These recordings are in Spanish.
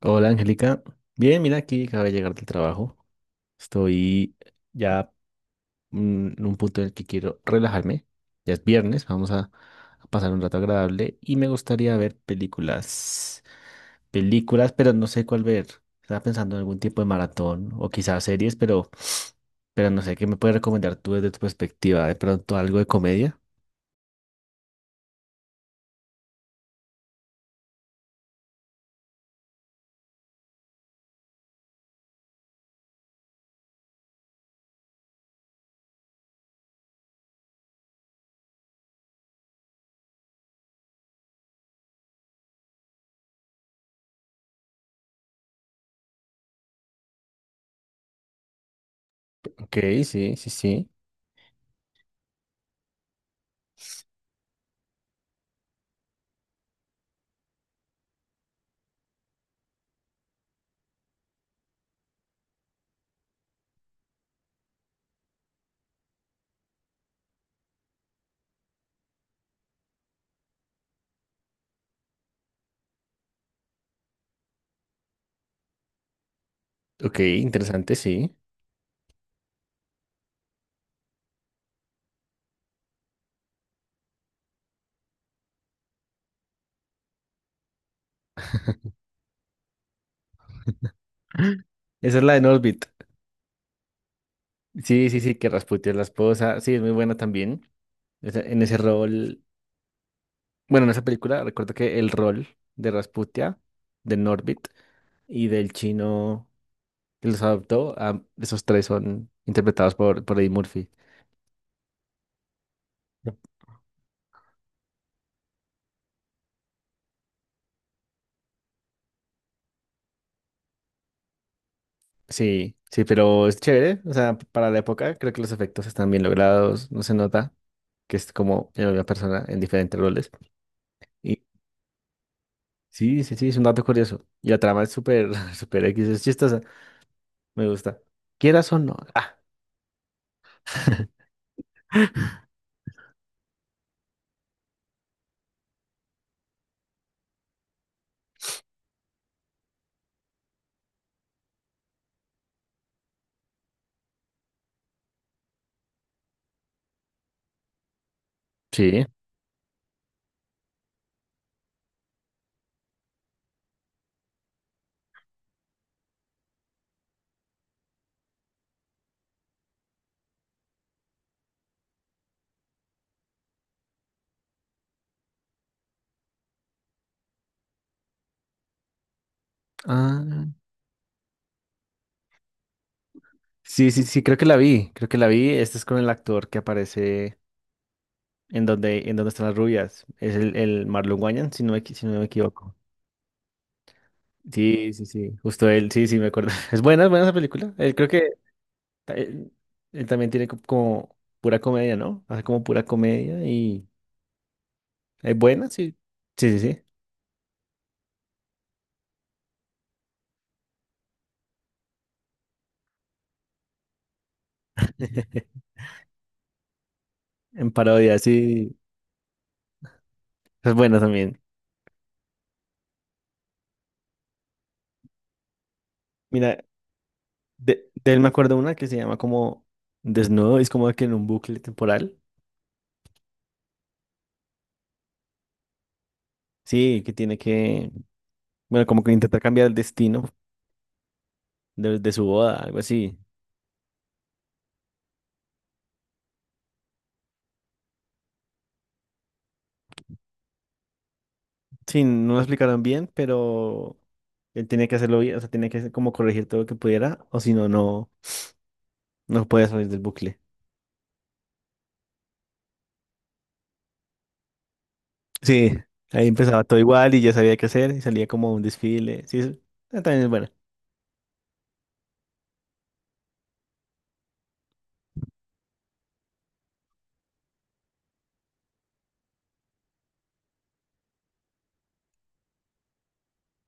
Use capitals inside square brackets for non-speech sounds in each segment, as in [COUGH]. Hola, Angélica. Bien, mira, aquí acabo de llegar del trabajo. Estoy ya en un punto en el que quiero relajarme. Ya es viernes, vamos a pasar un rato agradable y me gustaría ver películas. Películas, pero no sé cuál ver. Estaba pensando en algún tipo de maratón o quizás series, pero no sé qué me puedes recomendar tú desde tu perspectiva. De pronto algo de comedia. Ok, sí, sí, sí. Ok, interesante, sí. Esa es la de Norbit. Sí, sí, sí, que Rasputin es la esposa. Sí, es muy buena también. En ese rol, bueno, en esa película, recuerdo que el rol de Rasputia, de Norbit y del chino que los adoptó, ah, esos tres son interpretados por Eddie Murphy. Yep. Sí, sí, pero es chévere. O sea, para la época, creo que los efectos están bien logrados. No se nota que es como la misma persona en diferentes roles. Y sí, sí, sí, es un dato curioso. Y la trama es súper, [LAUGHS] súper X, es chistosa. Me gusta. Quieras o no. Ah. Sí. Ah, sí, sí, sí, creo que la vi, creo que la vi. Este es con el actor que aparece en donde están las rubias. Es el Marlon Wayans, si no me, si no me equivoco. Sí, sí, sí, justo él, sí, sí, me acuerdo. [LAUGHS] Es buena esa película. Él creo que ta- él, él también tiene como pura comedia, ¿no? Hace como pura comedia y es buena, sí. Sí, sí, sí. [LAUGHS] En parodia, sí. Es buena también. Mira, de él me acuerdo una que se llama como Desnudo, es como que en un bucle temporal. Sí, bueno, como que intentar cambiar el destino de su boda, algo así. Sí, no lo explicaron bien, pero él tiene que hacerlo bien, o sea, tiene que como corregir todo lo que pudiera, o si no, no, no puede salir del bucle. Sí, ahí empezaba todo igual y ya sabía qué hacer y salía como un desfile. Sí, eso ah, también es bueno.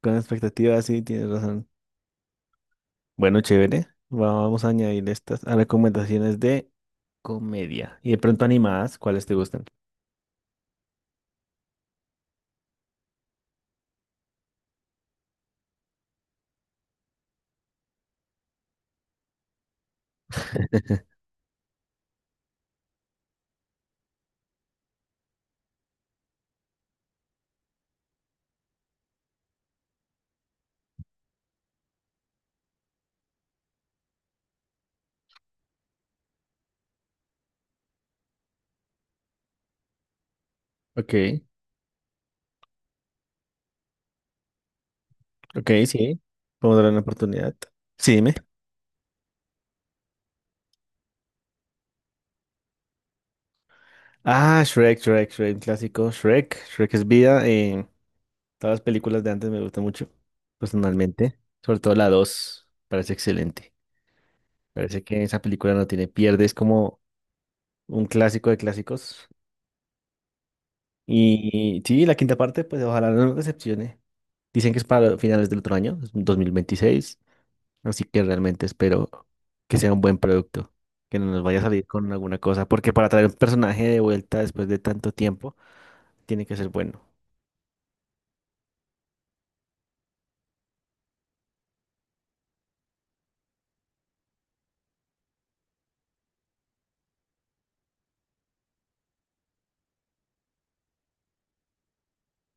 Con expectativas, sí, tienes razón. Bueno, chévere. Vamos a añadir estas a recomendaciones de comedia y de pronto animadas, ¿cuáles te gustan? Ok. Ok, sí. Podemos darle una oportunidad. Sí, dime. Ah, Shrek, Shrek, Shrek, un clásico. Shrek, Shrek es vida. Eh, todas las películas de antes me gustan mucho, personalmente. Sobre todo la 2 parece excelente. Parece que esa película no tiene pierde, es como un clásico de clásicos. Y sí, la quinta parte, pues ojalá no nos decepcione. Dicen que es para finales del otro año, es 2026. Así que realmente espero que sea un buen producto, que no nos vaya a salir con alguna cosa, porque para traer un personaje de vuelta después de tanto tiempo, tiene que ser bueno.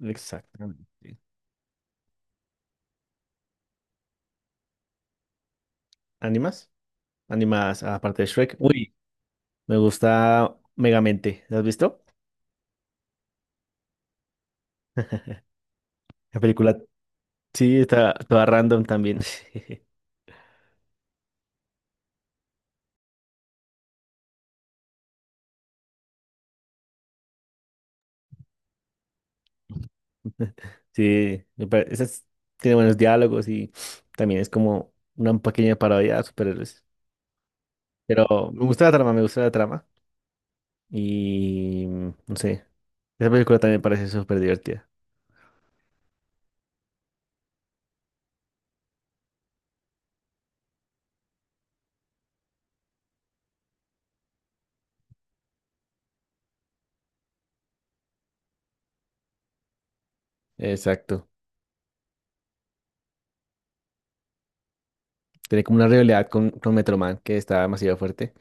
Exactamente. ¿Animas? ¿Animas aparte de Shrek? Uy, me gusta Megamente. ¿La has visto? [LAUGHS] La película, sí, está toda random también. [LAUGHS] Sí, me pare- esa es- tiene buenos diálogos y también es como una pequeña parodia a superhéroes. Pero me gusta la trama, me gusta la trama. Y no sé. Esa película también me parece súper divertida. Exacto. Tiene como una rivalidad con Metro Man que está demasiado fuerte.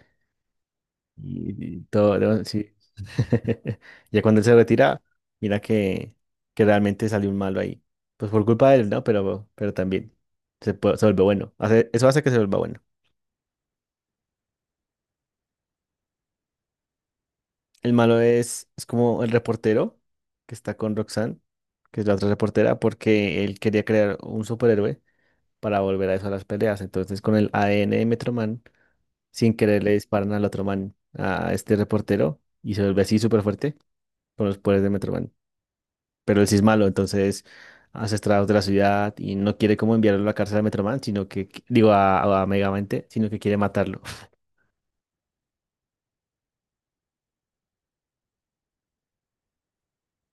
Y todo, ¿no? Sí. [LAUGHS] Ya cuando él se retira, mira que realmente salió un malo ahí. Pues por culpa de él, ¿no? Pero también se vuelve bueno. Eso hace que se vuelva bueno. El malo es como el reportero que está con Roxanne, que es la otra reportera, porque él quería crear un superhéroe para volver a eso a las peleas. Entonces, con el ADN de Metro Man sin querer le disparan al otro man, a este reportero, y se vuelve así súper fuerte por los poderes de Metroman. Pero él sí es malo, entonces hace estragos de la ciudad y no quiere como enviarlo a la cárcel a Metroman, sino que, digo, a Megamente, sino que quiere matarlo.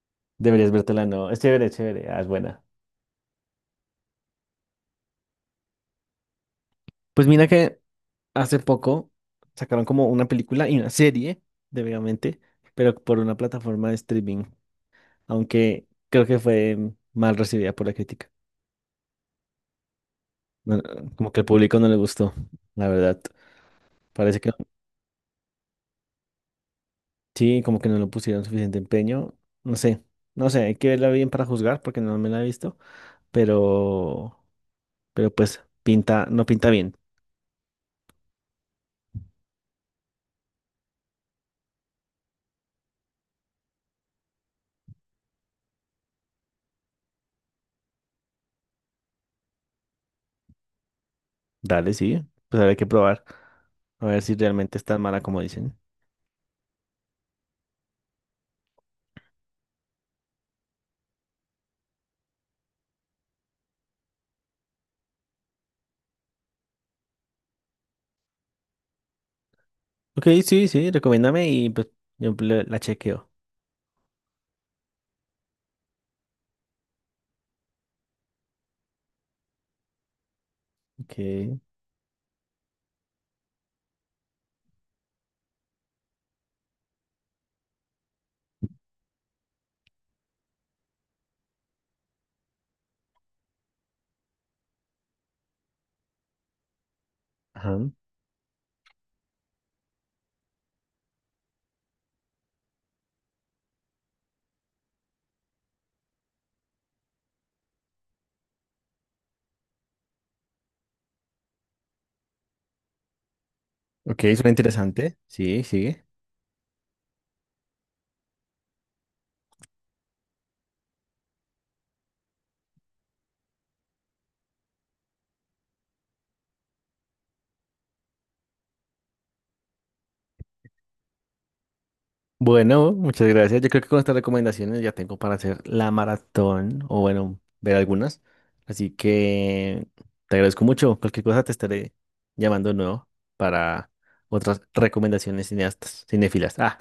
[LAUGHS] Deberías vértela, no. Es chévere, ah, es buena. Pues mira que hace poco sacaron como una película y una serie de Megamente, pero por una plataforma de streaming, aunque creo que fue mal recibida por la crítica. No, no, como que al público no le gustó, la verdad. Parece que no, sí, como que no lo pusieron suficiente empeño. No sé, no sé, hay que verla bien para juzgar porque no me la he visto, pero, pero pues pinta, no pinta bien. Dale, sí, pues habrá que probar, a ver si realmente es tan mala como dicen. Ok, sí, sí, recomiéndame y pues yo la chequeo. Ok, ajá. Ok, suena interesante. Sí, sigue. Bueno, muchas gracias. Yo creo que con estas recomendaciones ya tengo para hacer la maratón o bueno, ver algunas. Así que te agradezco mucho. Cualquier cosa te estaré llamando de nuevo para otras recomendaciones cineastas, cinéfilas. Ah,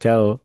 chao.